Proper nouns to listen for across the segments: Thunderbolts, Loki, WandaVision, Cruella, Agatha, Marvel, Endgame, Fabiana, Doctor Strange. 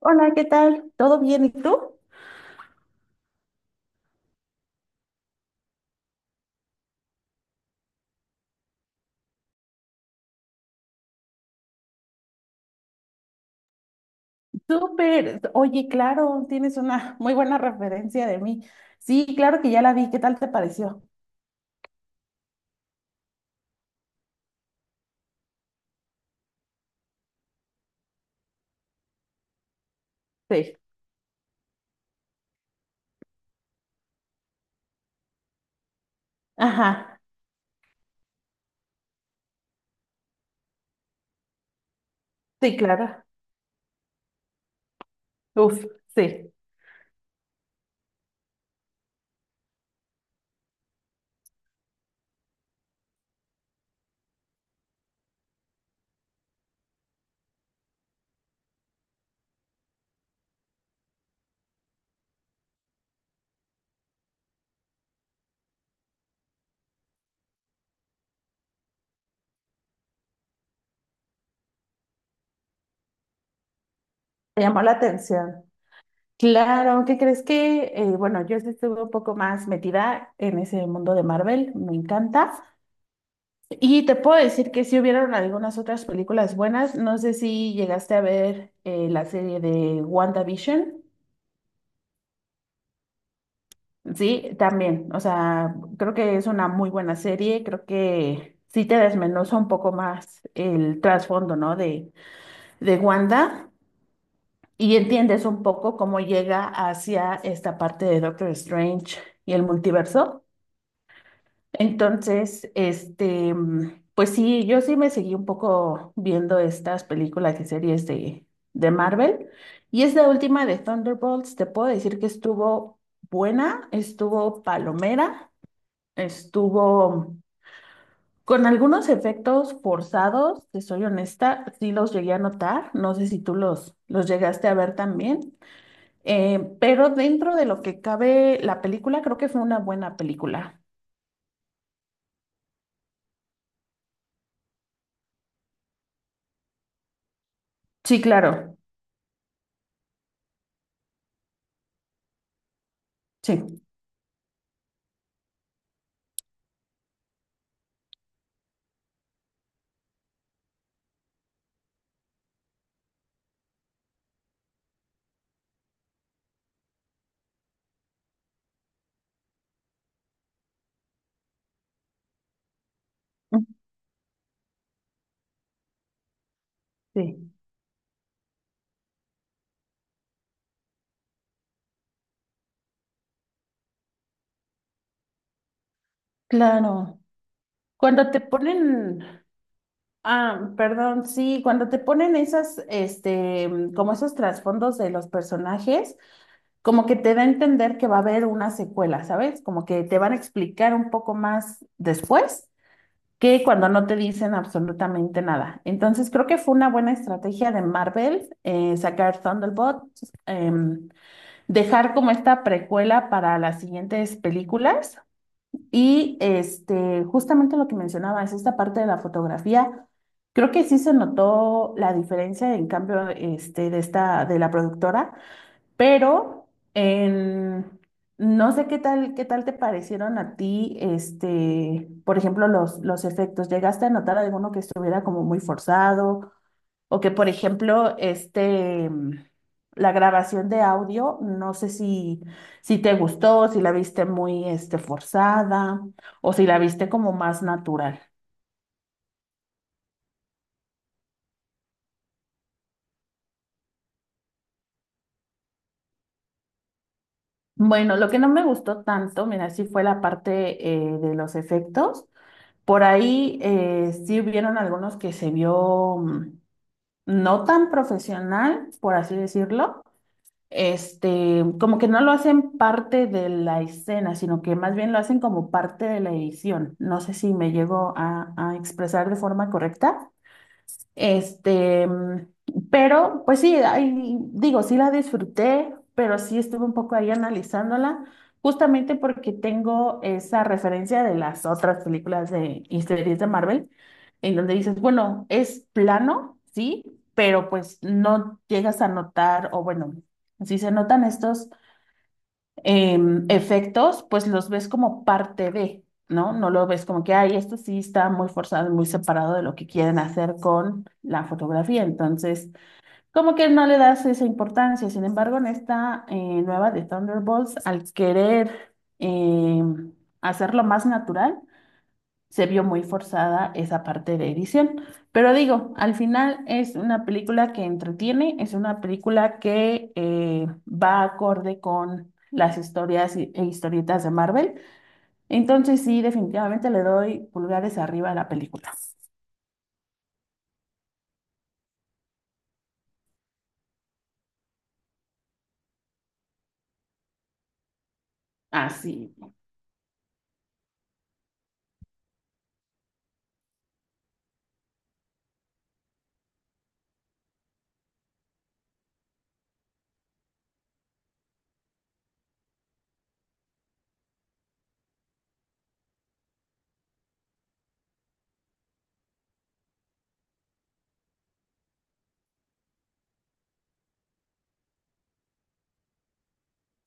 Hola, ¿qué tal? ¿Todo bien? ¿Y tú? Súper. Oye, claro, tienes una muy buena referencia de mí. Sí, claro que ya la vi. ¿Qué tal te pareció? Sí. Ajá, sí, claro. Uf, sí, me llamó la atención. Claro, ¿qué crees que? Bueno, yo sí estuve un poco más metida en ese mundo de Marvel, me encanta. Y te puedo decir que sí hubieron algunas otras películas buenas. No sé si llegaste a ver la serie de WandaVision. Sí, también. O sea, creo que es una muy buena serie. Creo que sí te desmenuza un poco más el trasfondo, ¿no? De Wanda y entiendes un poco cómo llega hacia esta parte de Doctor Strange y el multiverso. Entonces, pues sí, yo sí me seguí un poco viendo estas películas y series de Marvel. Y esta última de Thunderbolts, te puedo decir que estuvo buena, estuvo palomera. Estuvo con algunos efectos forzados, te soy honesta, sí los llegué a notar, no sé si tú los llegaste a ver también, pero dentro de lo que cabe la película, creo que fue una buena película. Sí, claro, sí, sí, claro. Cuando te ponen, ah, perdón, sí, cuando te ponen esas, como esos trasfondos de los personajes. Como que te da a entender que va a haber una secuela, ¿sabes? Como que te van a explicar un poco más después que cuando no te dicen absolutamente nada. Entonces creo que fue una buena estrategia de Marvel sacar Thunderbolt, em, dejar como esta precuela para las siguientes películas y este, justamente lo que mencionabas, esta parte de la fotografía. Creo que sí se notó la diferencia en cambio de la productora, pero en- no sé qué tal te parecieron a ti, este, por ejemplo, los efectos. ¿Llegaste a notar alguno que estuviera como muy forzado? O que, por ejemplo, la grabación de audio, no sé si te gustó, si la viste muy, este, forzada, o si la viste como más natural. Bueno, lo que no me gustó tanto, mira, sí fue la parte de los efectos. Por ahí sí hubieron algunos que se vio no tan profesional, por así decirlo. Este, como que no lo hacen parte de la escena, sino que más bien lo hacen como parte de la edición. No sé si me llego a expresar de forma correcta. Este, mm, pero pues sí, ahí, digo, sí la disfruté, pero sí estuve un poco ahí analizándola, justamente porque tengo esa referencia de las otras películas y series de Marvel, en donde dices, bueno, es plano, sí, pero pues no llegas a notar, o bueno, sí se notan estos efectos, pues los ves como parte de, ¿no? No lo ves como que, ay, esto sí está muy forzado, muy separado de lo que quieren hacer con la fotografía. Entonces, como que no le das esa importancia. Sin embargo, en esta nueva de Thunderbolts, al querer hacerlo más natural, se vio muy forzada esa parte de edición. Pero digo, al final es una película que entretiene, es una película que va acorde con las historias e historietas de Marvel. Entonces sí, definitivamente le doy pulgares arriba a la película. Así,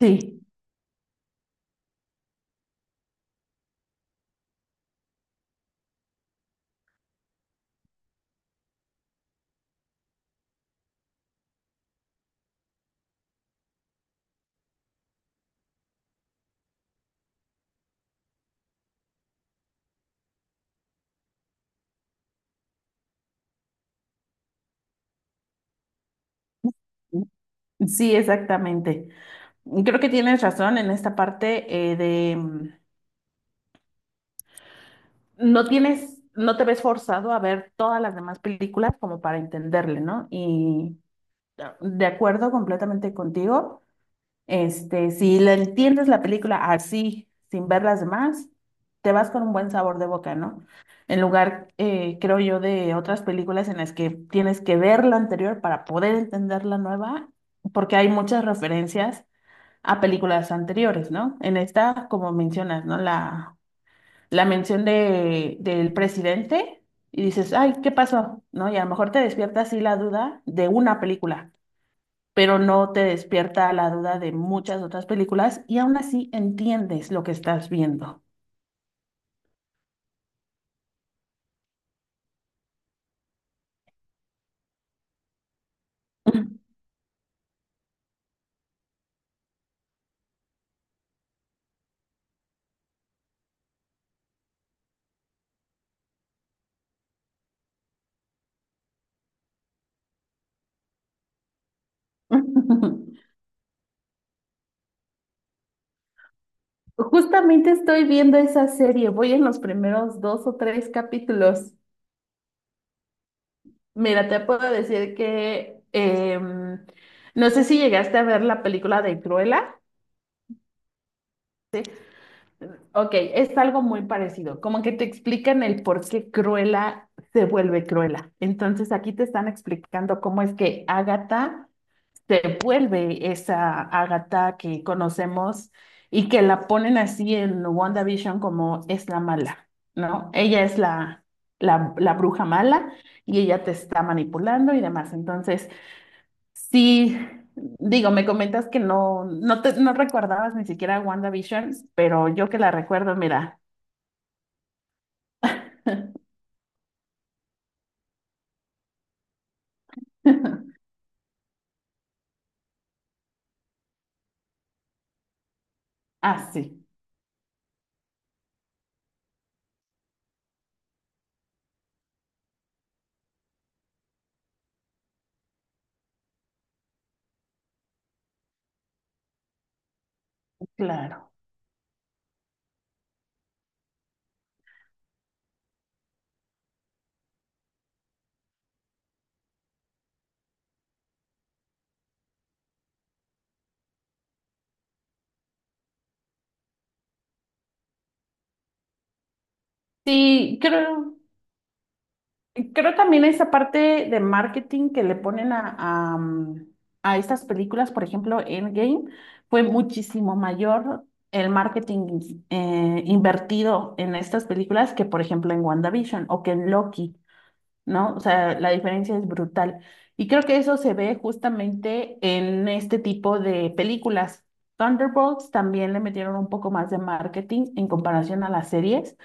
sí. Sí, exactamente. Creo que tienes razón en esta parte no tienes, no te ves forzado a ver todas las demás películas como para entenderle, ¿no? Y de acuerdo completamente contigo. Este, si le entiendes la película así, sin ver las demás, te vas con un buen sabor de boca, ¿no? En lugar, creo yo, de otras películas en las que tienes que ver la anterior para poder entender la nueva, porque hay muchas referencias a películas anteriores, ¿no? En esta, como mencionas, ¿no? La mención del presidente y dices, ay, ¿qué pasó? ¿No? Y a lo mejor te despierta así la duda de una película, pero no te despierta la duda de muchas otras películas y aún así entiendes lo que estás viendo. Justamente estoy viendo esa serie, voy en los primeros dos o tres capítulos. Mira, te puedo decir que no sé si llegaste a ver la película de Cruella. Ok, es algo muy parecido, como que te explican el por qué Cruella se vuelve Cruella. Entonces aquí te están explicando cómo es que Agatha se vuelve esa Agatha que conocemos y que la ponen así en WandaVision como es la mala, ¿no? Ella es la bruja mala y ella te está manipulando y demás. Entonces, sí, digo, me comentas que no, no recordabas ni siquiera WandaVision, pero yo que la recuerdo, mira, así, claro. Sí, creo. Creo también esa parte de marketing que le ponen a estas películas, por ejemplo, Endgame, fue muchísimo mayor el marketing invertido en estas películas que, por ejemplo, en WandaVision o que en Loki, ¿no? O sea, la diferencia es brutal. Y creo que eso se ve justamente en este tipo de películas. Thunderbolts también le metieron un poco más de marketing en comparación a las series.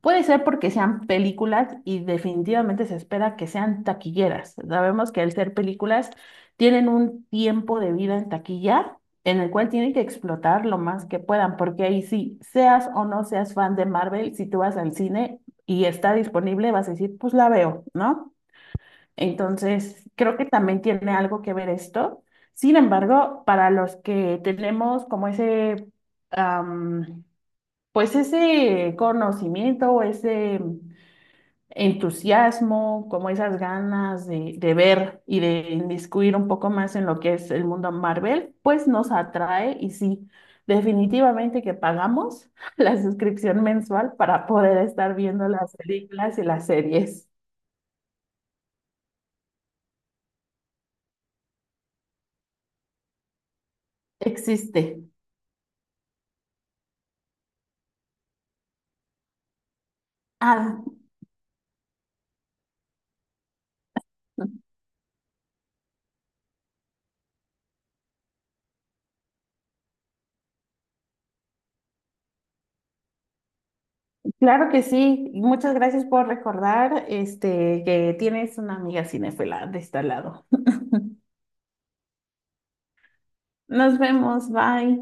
Puede ser porque sean películas y definitivamente se espera que sean taquilleras. Sabemos que al ser películas tienen un tiempo de vida en taquilla en el cual tienen que explotar lo más que puedan, porque ahí sí, seas o no seas fan de Marvel, si tú vas al cine y está disponible, vas a decir, pues la veo, ¿no? Entonces, creo que también tiene algo que ver esto. Sin embargo, para los que tenemos como ese... am, pues ese conocimiento o ese entusiasmo, como esas ganas de ver y de inmiscuir un poco más en lo que es el mundo Marvel, pues nos atrae y sí, definitivamente que pagamos la suscripción mensual para poder estar viendo las películas y las series. Existe. Ah, claro que sí. Muchas gracias por recordar este, que tienes una amiga cinéfila de este lado. Nos vemos, bye.